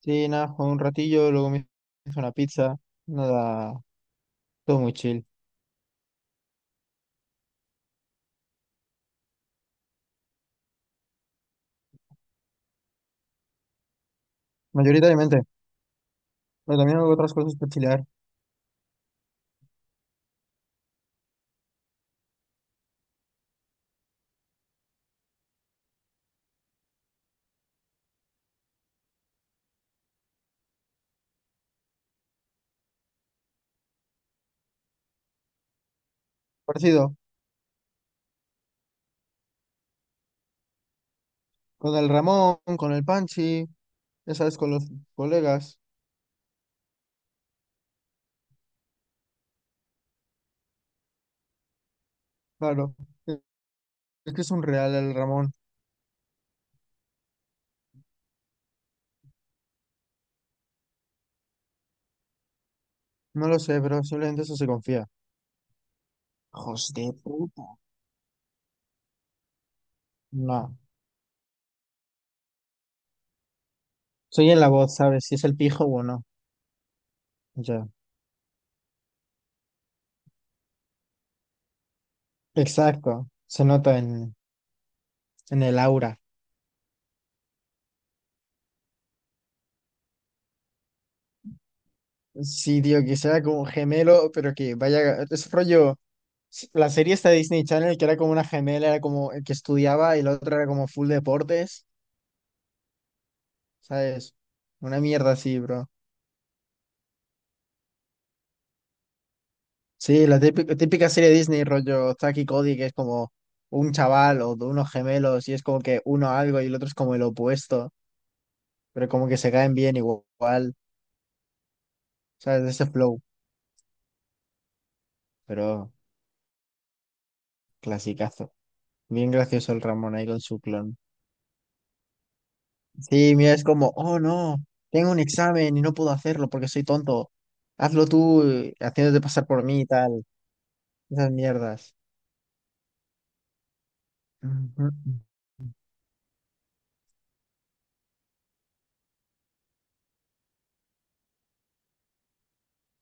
Sí, nada, jugué un ratillo, luego me hice una pizza, nada, todo muy chill. Mayoritariamente, pero también hago otras cosas para chilear. Parecido, con el Ramón, con el Panchi, ya sabes, con los colegas, claro. Es que es un real el Ramón, no lo sé, pero simplemente eso se confía. Hijos de puta. No, soy en la voz, ¿sabes? Si es el pijo o no. Ya. Exacto, se nota en el aura. Sí, tío, que sea como gemelo, pero que vaya, es rollo. La serie esta de Disney Channel, que era como una gemela, era como el que estudiaba y la otra era como full deportes, ¿sabes? Una mierda así, bro. Sí, la típica, típica serie de Disney, rollo Zack y Cody, que es como un chaval o de unos gemelos y es como que uno algo y el otro es como el opuesto, pero como que se caen bien igual, ¿sabes? De ese flow, pero clasicazo. Bien gracioso el Ramón ahí con su clon. Sí, mira, es como, oh no, tengo un examen y no puedo hacerlo porque soy tonto. Hazlo tú, haciéndote pasar por mí y tal. Esas mierdas. Ujú.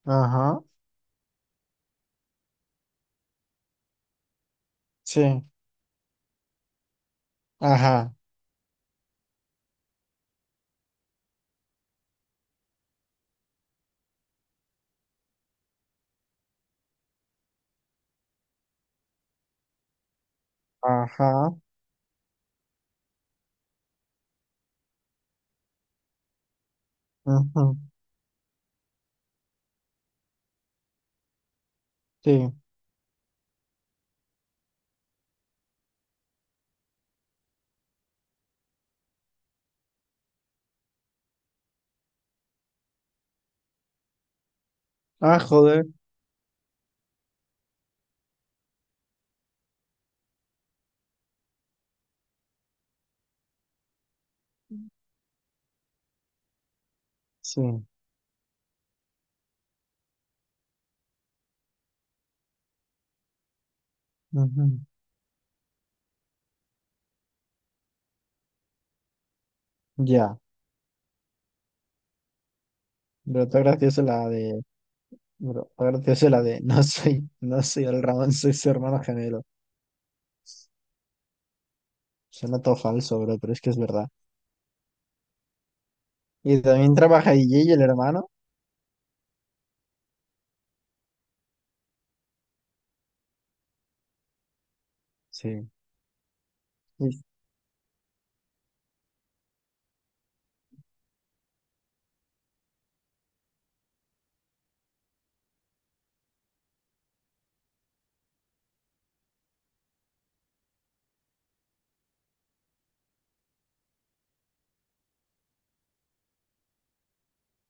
Ajá, sí, ajá, ajá, ujú, sí. Ah, joder, sí, ujú. Ya, pero está gracioso la de, pero está gracioso la de, no soy el Ramón, soy su hermano gemelo. Suena todo falso, bro, pero es que es verdad. Y también trabaja DJ y el hermano. Sí. Y-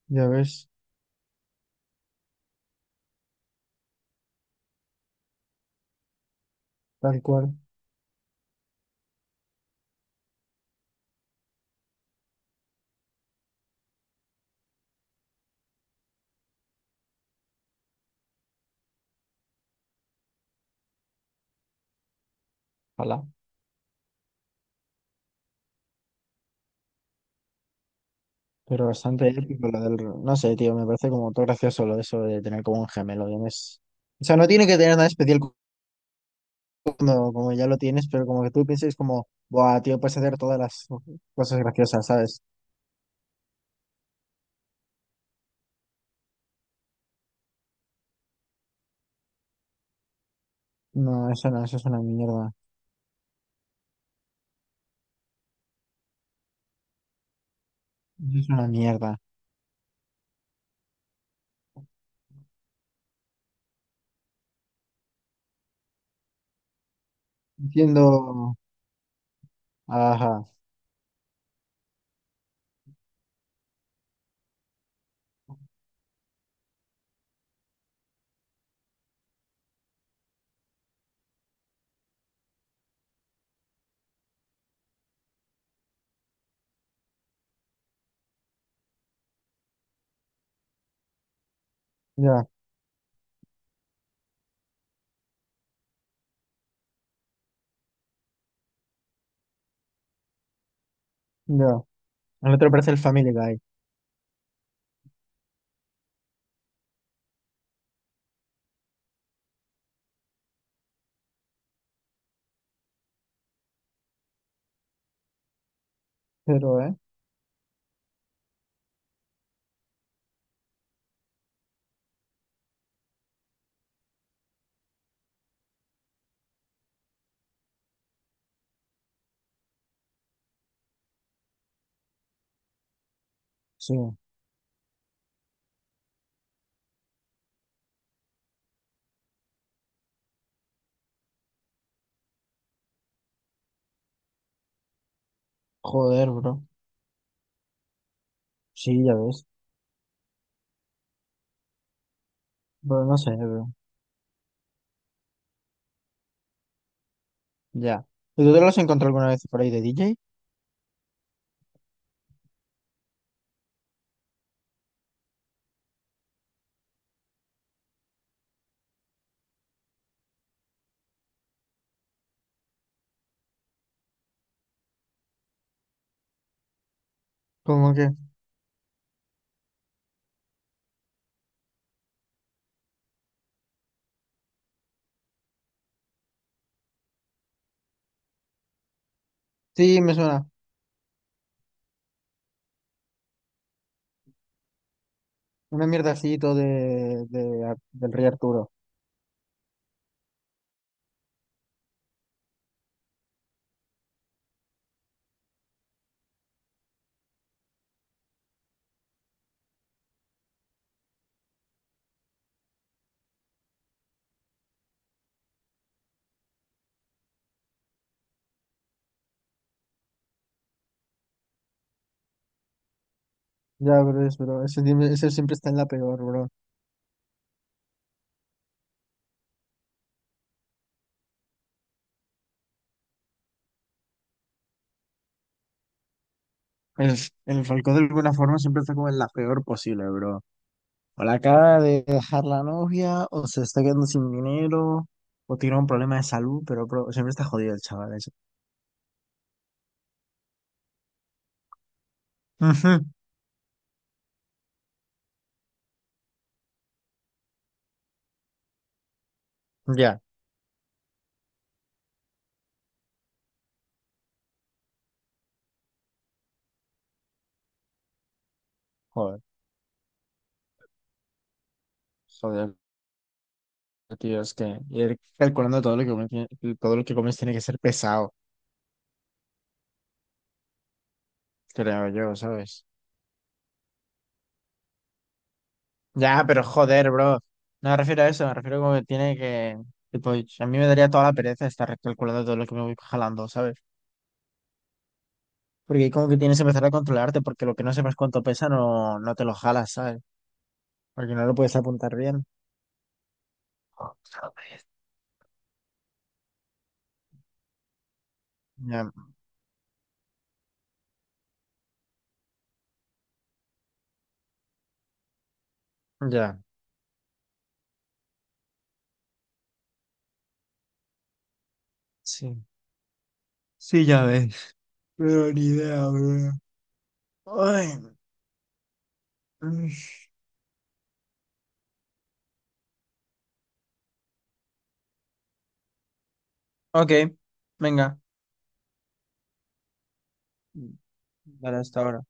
Ya ves, tal cual. Ojalá. Pero bastante épico lo del... No sé, tío, me parece como todo gracioso lo de eso de tener como un gemelo. O sea, no tiene que tener nada especial cuando como ya lo tienes, pero como que tú pienses como, buah, tío, puedes hacer todas las cosas graciosas, ¿sabes? No, eso no, eso es una mierda. Eso es una mierda. Entiendo. Ajá. Ya, ya. Al otro parece el Family Guy. Pero, ¿eh? Sí. Joder, bro. Sí, ya ves. Pero no sé, bro. Ya. ¿Y tú te lo has encontrado alguna vez por ahí de DJ? Como que. Sí, me suena. Una mierda así, todo de Ar- del Rey Arturo. Ya, bro, es, bro. Ese siempre está en la peor, bro. El, el Falcón de alguna forma siempre está como en la peor posible, bro. O la acaba de dejar la novia, o se está quedando sin dinero, o tiene un problema de salud, pero, bro, siempre está jodido el chaval ese. Ujú. Ya, joder. Joder, tío, es que ir calculando todo lo que comes, todo lo que comes tiene que ser pesado, creo yo, ¿sabes? Ya, pero joder, bro. No me refiero a eso, me refiero como que tiene que. Tipo, a mí me daría toda la pereza estar recalculando todo lo que me voy jalando, ¿sabes? Porque como que tienes que empezar a controlarte, porque lo que no sepas cuánto pesa no te lo jalas, ¿sabes? Porque no lo puedes apuntar bien. Ya, ya. Sí. Sí, ya ves. Pero ni idea, bro. Ay. Mm. Ok, venga. Vale, hasta ahora.